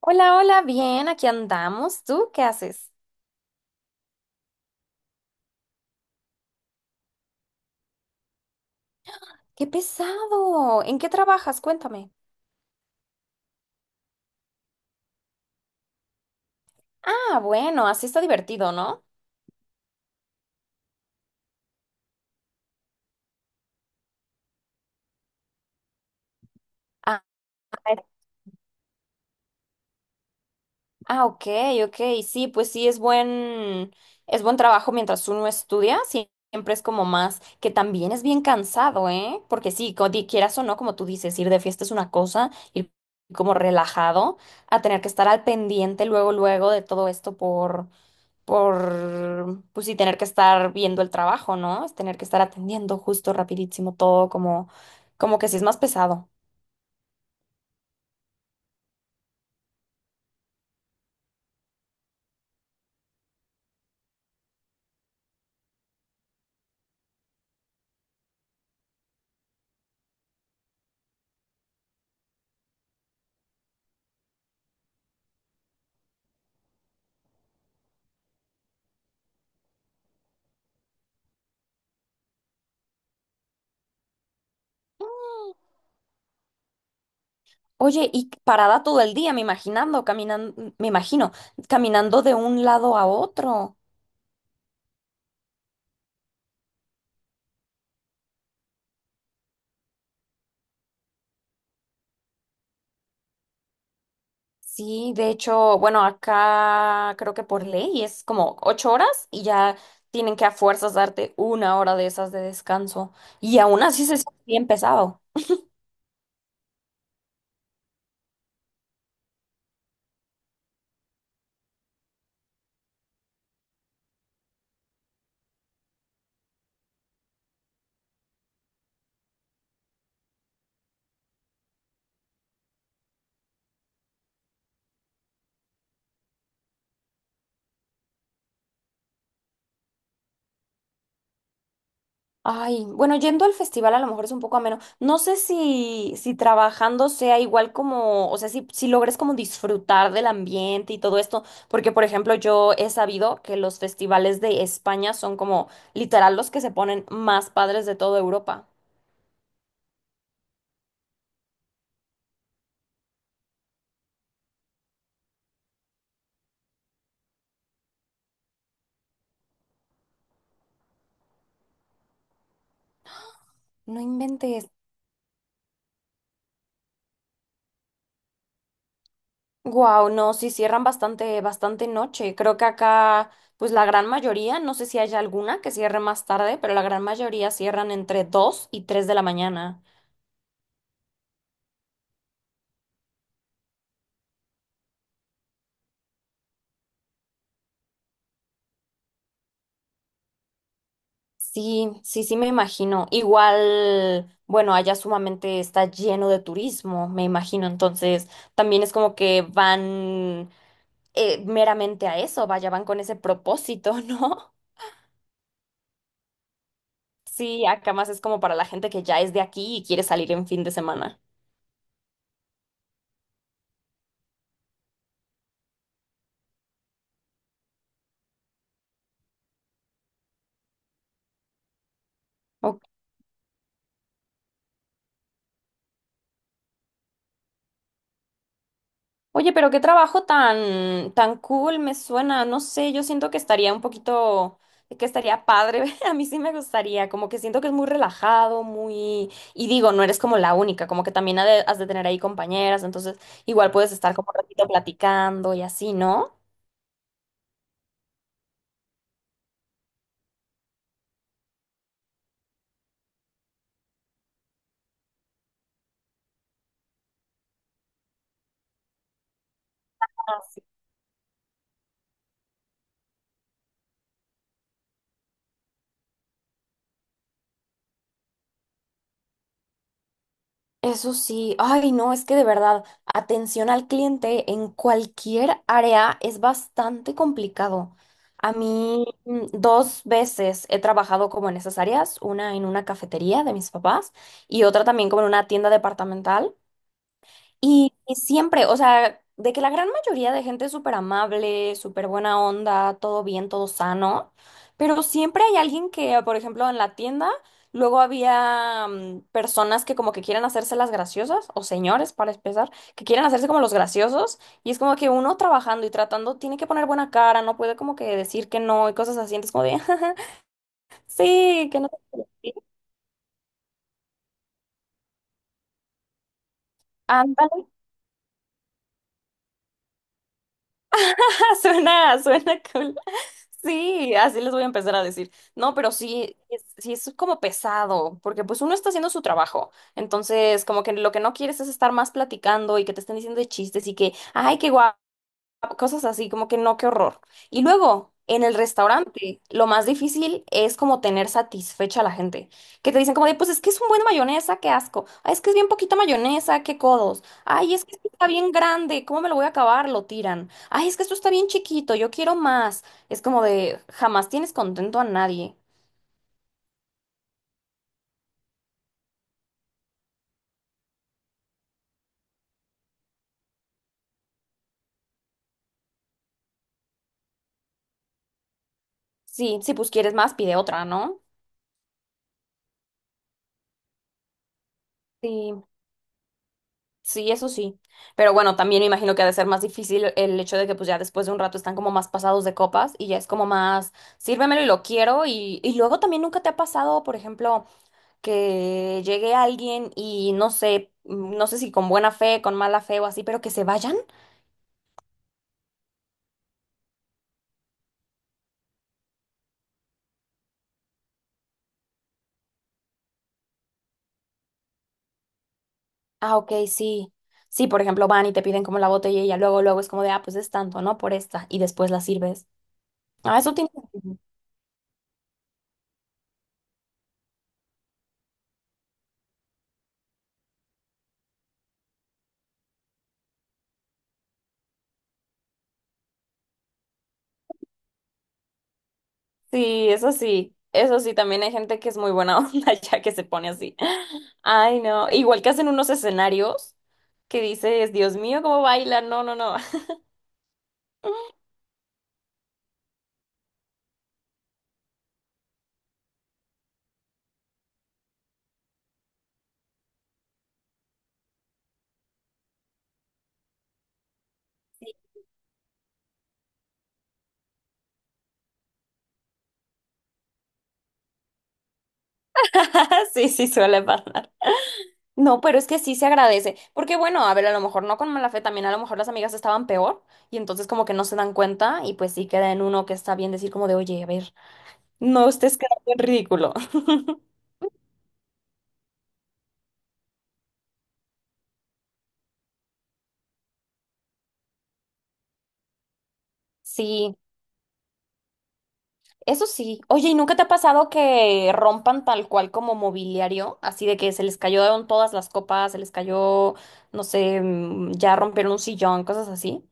Hola, hola, bien, aquí andamos. ¿Tú qué haces? ¡Qué pesado! ¿En qué trabajas? Cuéntame. Ah, bueno, así está divertido, ¿no? Ah, es- ah, ok, ok, sí, pues sí, es buen trabajo mientras uno estudia, sí, siempre es como más, que también es bien cansado, ¿eh? Porque sí, quieras o no, como tú dices, ir de fiesta es una cosa, ir como relajado, a tener que estar al pendiente luego, luego de todo esto pues sí, tener que estar viendo el trabajo, ¿no? Es tener que estar atendiendo justo, rapidísimo, todo como, como que sí es más pesado. Mm. Oye, y parada todo el día, me imaginando, caminando, me imagino, caminando de un lado a otro. Sí, de hecho, bueno, acá creo que por ley es como 8 horas y ya tienen que a fuerzas darte 1 hora de esas de descanso. Y aún así se siente bien pesado. Ay, bueno, yendo al festival a lo mejor es un poco ameno. No sé si trabajando sea igual como, o sea, si logres como disfrutar del ambiente y todo esto, porque por ejemplo yo he sabido que los festivales de España son como literal los que se ponen más padres de toda Europa. No inventes. Wow, no, sí cierran bastante, bastante noche. Creo que acá, pues la gran mayoría, no sé si haya alguna que cierre más tarde, pero la gran mayoría cierran entre 2 y 3 de la mañana. Sí, sí, sí me imagino. Igual, bueno, allá sumamente está lleno de turismo, me imagino. Entonces, también es como que van meramente a eso, vaya, van con ese propósito, ¿no? Sí, acá más es como para la gente que ya es de aquí y quiere salir en fin de semana. Oye, pero qué trabajo tan, tan cool me suena. No sé, yo siento que estaría un poquito, que estaría padre. A mí sí me gustaría, como que siento que es muy relajado, muy... Y digo, no eres como la única, como que también has de tener ahí compañeras, entonces igual puedes estar como un ratito platicando y así, ¿no? Eso sí, ay no, es que de verdad, atención al cliente en cualquier área es bastante complicado. A mí 2 veces he trabajado como en esas áreas, una en una cafetería de mis papás y otra también como en una tienda departamental. Y siempre, o sea, de que la gran mayoría de gente es súper amable, súper buena onda, todo bien, todo sano, pero siempre hay alguien que, por ejemplo, en la tienda, luego había personas que como que quieren hacerse las graciosas, o señores, para empezar, que quieren hacerse como los graciosos, y es como que uno trabajando y tratando tiene que poner buena cara, no puede como que decir que no y cosas así, entonces como de, sí, que no te... Suena, suena cool. Sí, así les voy a empezar a decir. No, pero sí, sí es como pesado, porque pues uno está haciendo su trabajo. Entonces, como que lo que no quieres es estar más platicando y que te estén diciendo de chistes y que, ay, qué guay cosas así, como que no, qué horror. Y luego, en el restaurante, lo más difícil es como tener satisfecha a la gente, que te dicen como de, pues es que es un buen de mayonesa, qué asco, ay, es que es bien poquita mayonesa, qué codos, ay, es que esto está bien grande, ¿cómo me lo voy a acabar? Lo tiran, ay, es que esto está bien chiquito, yo quiero más. Es como de, jamás tienes contento a nadie. Sí, si pues quieres más, pide otra, ¿no? Sí. Sí, eso sí. Pero bueno, también me imagino que ha de ser más difícil el hecho de que pues ya después de un rato están como más pasados de copas y ya es como más, sírvemelo y lo quiero. Y luego también nunca te ha pasado, por ejemplo, que llegue alguien y no sé, no sé si con buena fe, con mala fe o así, pero que se vayan. Ah, ok, sí. Sí, por ejemplo, van y te piden como la botella y ya luego, luego es como de, ah, pues es tanto, ¿no? Por esta. Y después la sirves. Ah, eso tiene sentido. Sí, eso sí, eso sí, también hay gente que es muy buena onda ya que se pone así. Ay, no, igual que hacen unos escenarios que dices, Dios mío, cómo baila, no, no, no. Sí, sí, suele pasar. No, pero es que sí se agradece, porque bueno, a ver, a lo mejor no con mala fe, también a lo mejor las amigas estaban peor y entonces como que no se dan cuenta y pues sí queda en uno que está bien decir como de, oye, a ver, no estés quedando en ridículo. Sí. Eso sí. Oye, ¿y nunca te ha pasado que rompan tal cual como mobiliario? Así de que se les cayeron todas las copas, se les cayó, no sé, ya rompieron un sillón, cosas así.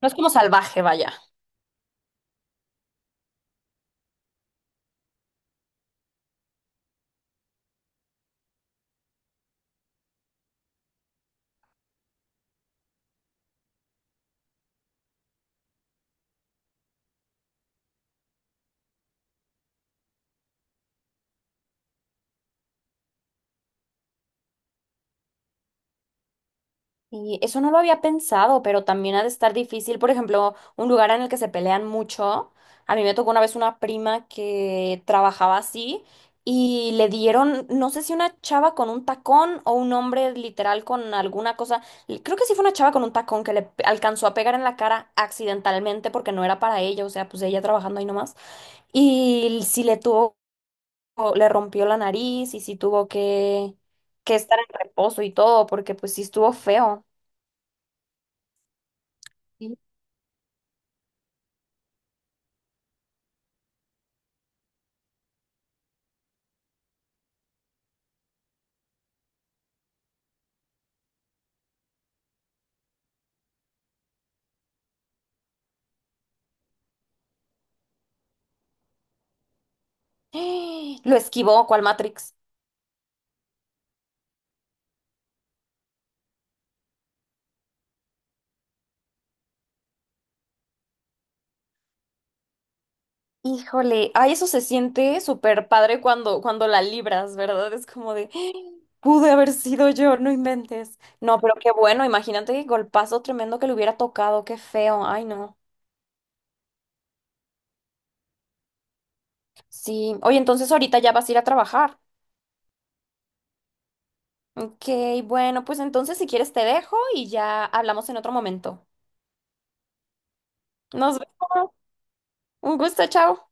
No es como salvaje, vaya. Y eso no lo había pensado, pero también ha de estar difícil. Por ejemplo, un lugar en el que se pelean mucho. A mí me tocó una vez una prima que trabajaba así y le dieron, no sé si una chava con un tacón o un hombre literal con alguna cosa. Creo que sí fue una chava con un tacón que alcanzó a pegar en la cara accidentalmente porque no era para ella, o sea, pues ella trabajando ahí nomás. Y sí le tuvo, le rompió la nariz y sí tuvo que estar en reposo y todo porque pues sí estuvo feo. Lo esquivó, ¿cuál Matrix. Híjole, ay, eso se siente súper padre cuando, cuando la libras, ¿verdad? Es como de, pude haber sido yo, no inventes. No, pero qué bueno, imagínate qué golpazo tremendo que le hubiera tocado, qué feo, ay, no. Sí, oye, entonces ahorita ya vas a ir a trabajar. Ok, bueno, pues entonces si quieres te dejo y ya hablamos en otro momento. Nos vemos. Un gusto, chao.